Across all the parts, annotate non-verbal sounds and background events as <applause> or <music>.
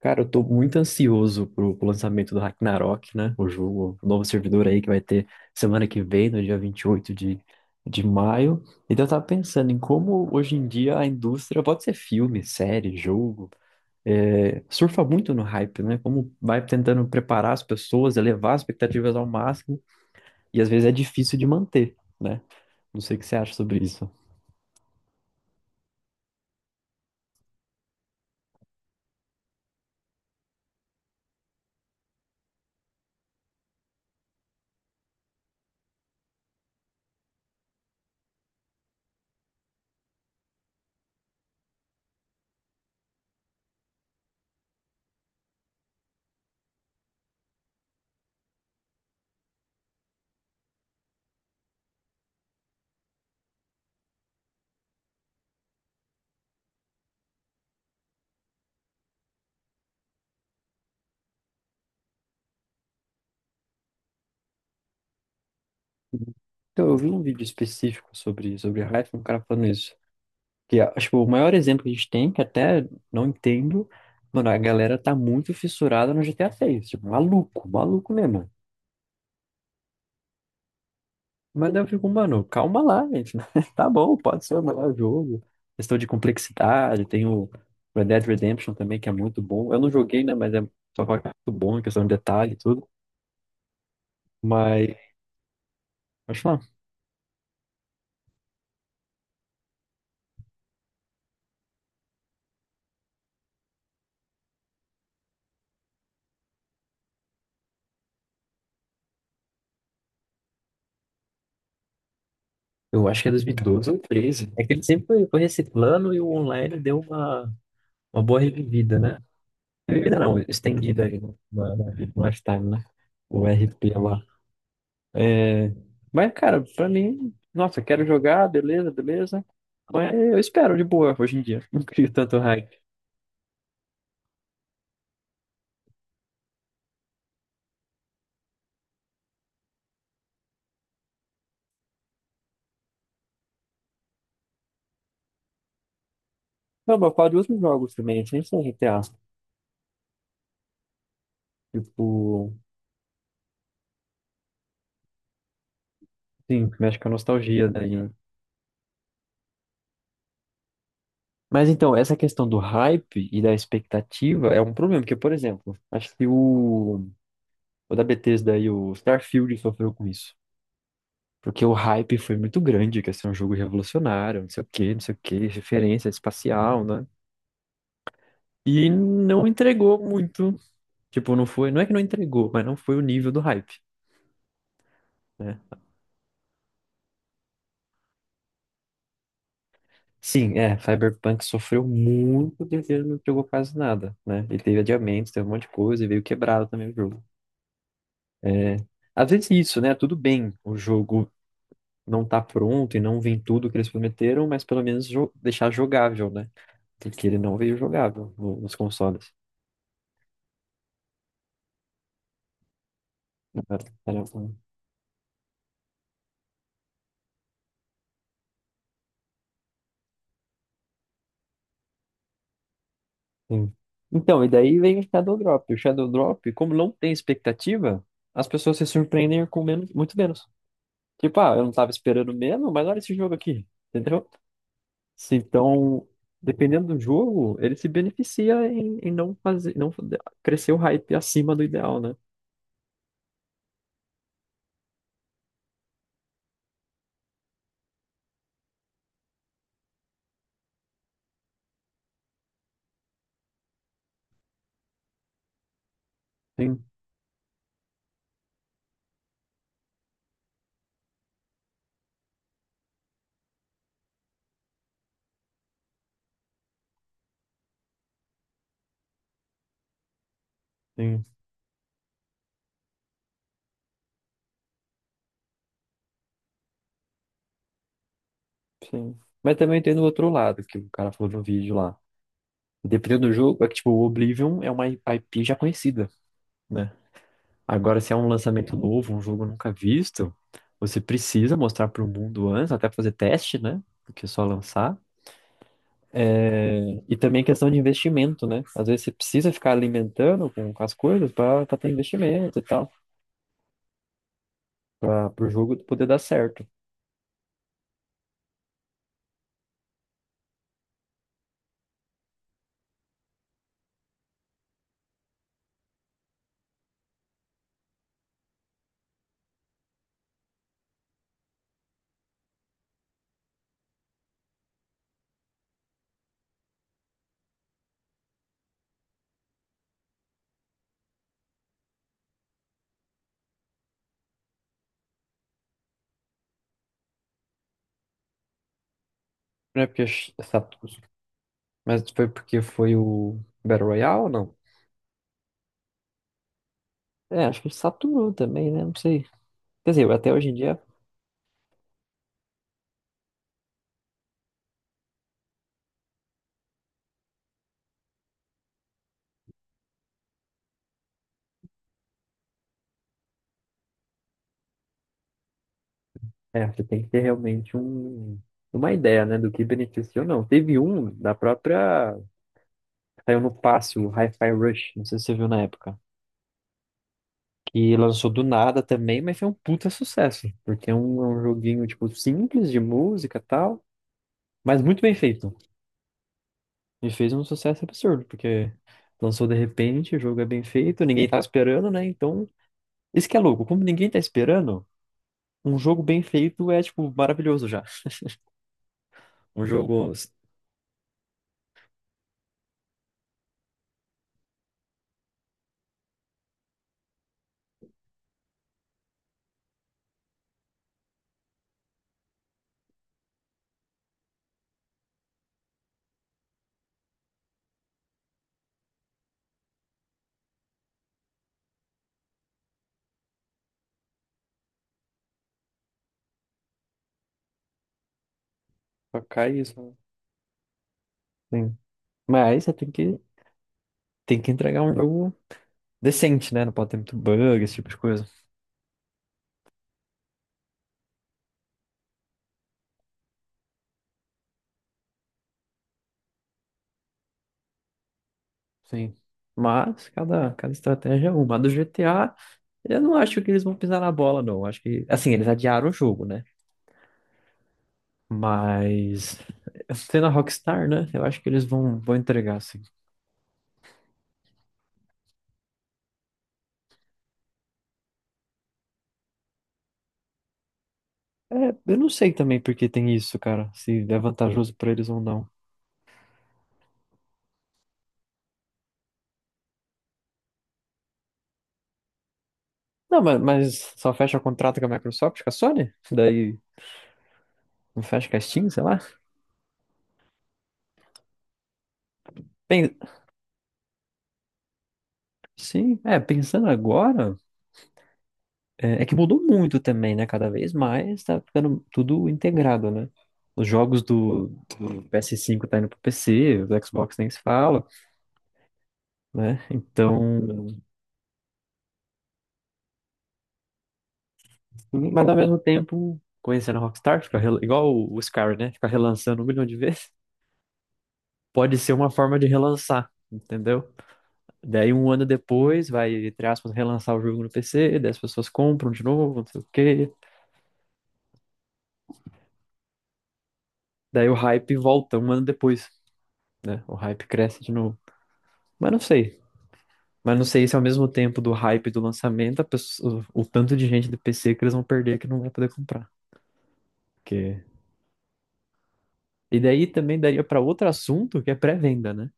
Cara, eu tô muito ansioso pro lançamento do Ragnarok, né? O jogo, o novo servidor aí que vai ter semana que vem, no dia 28 de maio. Então eu tava pensando em como hoje em dia a indústria, pode ser filme, série, jogo, surfa muito no hype, né? Como vai tentando preparar as pessoas, elevar as expectativas ao máximo, e às vezes é difícil de manter, né? Não sei o que você acha sobre isso. Então, eu vi um vídeo específico sobre Hyphen, um cara falando isso. Que, ah, tipo, o maior exemplo que a gente tem, que até não entendo, mano, a galera tá muito fissurada no GTA 6. Tipo, maluco, maluco mesmo. Mas daí eu fico, mano, calma lá, gente. <laughs> Tá bom, pode ser o melhor jogo. Questão de complexidade, tem o Red Dead Redemption também, que é muito bom. Eu não joguei, né, mas é só fala que é muito bom em questão de detalhe e tudo. Mas, acho lá, eu acho que é 2012 ou 13. É que ele sempre foi reciclando e o online deu uma boa revivida, né? Revivida não, estendida aí mais tarde, né? O RP lá. É... Mas, cara, pra mim, nossa, quero jogar, beleza, beleza. Mas eu espero de boa hoje em dia. <laughs> Não crio tanto hype. Não, mas eu falo de outros jogos também, assim, sem ser GTA. Tipo, sim, mexe com a nostalgia daí. Né? Mas então, essa questão do hype e da expectativa é um problema, porque, por exemplo, acho que o da Bethesda aí, o Starfield sofreu com isso. Porque o hype foi muito grande, que ia ser um jogo revolucionário, não sei o quê, não sei o quê, referência espacial, né? E não entregou muito. Tipo, não foi, não é que não entregou, mas não foi o nível do hype, né? Sim, é, Cyberpunk sofreu muito porque ele não entregou quase nada, né? Ele teve adiamentos, teve um monte de coisa e veio quebrado também o jogo. É, às vezes é isso, né? Tudo bem, o jogo não tá pronto e não vem tudo que eles prometeram, mas pelo menos deixar jogável, né? Porque ele não veio jogável nos consoles. Um sim. Então, e daí vem o Shadow Drop. O Shadow Drop, como não tem expectativa, as pessoas se surpreendem com menos, muito menos. Tipo, ah, eu não tava esperando mesmo, mas olha esse jogo aqui, entendeu? Se, Então, dependendo do jogo, ele se beneficia em não fazer, não crescer o hype acima do ideal, né? Sim, sim, sim. Mas também tem do outro lado, que o cara falou no vídeo lá. Dependendo do jogo, é que, tipo, o Oblivion é uma IP já conhecida, né? Agora, se é um lançamento novo, um jogo nunca visto, você precisa mostrar para o mundo antes, até fazer teste, né? Do que só lançar. É, e também questão de investimento, né? Às vezes você precisa ficar alimentando com as coisas para ter investimento e tal, para o jogo poder dar certo. Não é porque saturou. Mas foi porque foi o Battle Royale ou não? É, acho que saturou também, né? Não sei. Quer dizer, até hoje em dia, é, você tem que ter realmente um, uma ideia, né, do que beneficia ou não. Teve um da própria. Saiu no passe, o Hi-Fi Rush, não sei se você viu na época. Que lançou do nada também, mas foi um puta sucesso. Porque é é um joguinho, tipo, simples de música e tal, mas muito bem feito. E fez um sucesso absurdo, porque lançou de repente, o jogo é bem feito, ninguém tá esperando, né? Então, isso que é louco, como ninguém tá esperando, um jogo bem feito é, tipo, maravilhoso já. Um jogo só cai isso. Sim. Mas você tem que entregar um jogo decente, né? Não pode ter muito bug, esse tipo de coisa. Sim. Mas cada estratégia é uma. A do GTA, eu não acho que eles vão pisar na bola, não. Acho que, assim, eles adiaram o jogo, né? Mas, sendo a Rockstar, né? Eu acho que eles vão entregar, assim. É, eu não sei também porque tem isso, cara. Se é vantajoso pra eles ou não. Não, mas só fecha contrato com a Microsoft, com a Sony? Daí não fecha com a Steam, sei lá? Pen- sim, é, pensando agora. É, é que mudou muito também, né? Cada vez mais tá ficando tudo integrado, né? Os jogos do PS5 tá indo pro PC, do Xbox nem se fala, né? Então, mas ao mesmo tempo, conhecendo a Rockstar, fica rel- igual o Skyrim, né? Fica relançando 1 milhão de <laughs> vezes. Pode ser uma forma de relançar, entendeu? Daí um ano depois vai, entre aspas, relançar o jogo no PC, daí as pessoas compram de novo, não sei o quê. Daí o hype volta um ano depois, né? O hype cresce de novo. Mas não sei. Mas não sei se ao mesmo tempo do hype do lançamento, a pessoa- o tanto de gente do PC que eles vão perder que não vai poder comprar. Porque... E daí também daria para outro assunto que é pré-venda, né?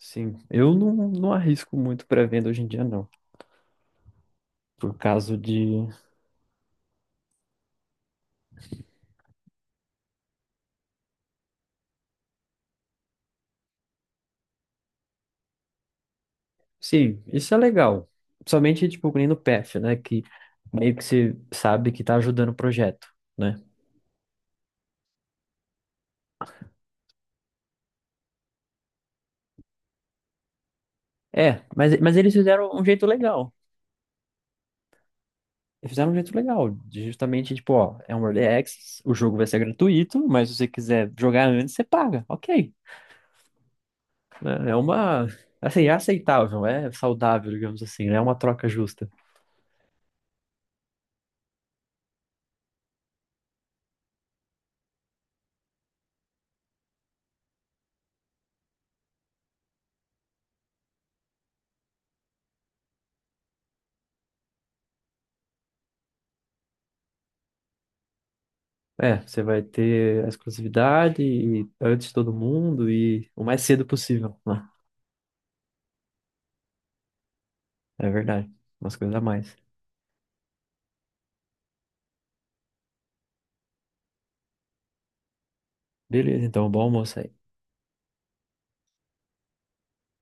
Sim, eu não arrisco muito pré-venda hoje em dia, não. Por causa de. Sim, isso é legal. Somente, tipo, que nem no PF, né? Que meio que você sabe que tá ajudando o projeto, né? É, mas eles fizeram um jeito legal. E fizeram um jeito legal, de justamente, tipo, ó, é um early access, o jogo vai ser gratuito, mas se você quiser jogar antes, você paga, ok. É uma, assim, é aceitável, é saudável, digamos assim, né? É uma troca justa. É, você vai ter a exclusividade e antes de todo mundo e o mais cedo possível, né? É verdade, umas coisas a mais. Beleza, então, bom almoço aí.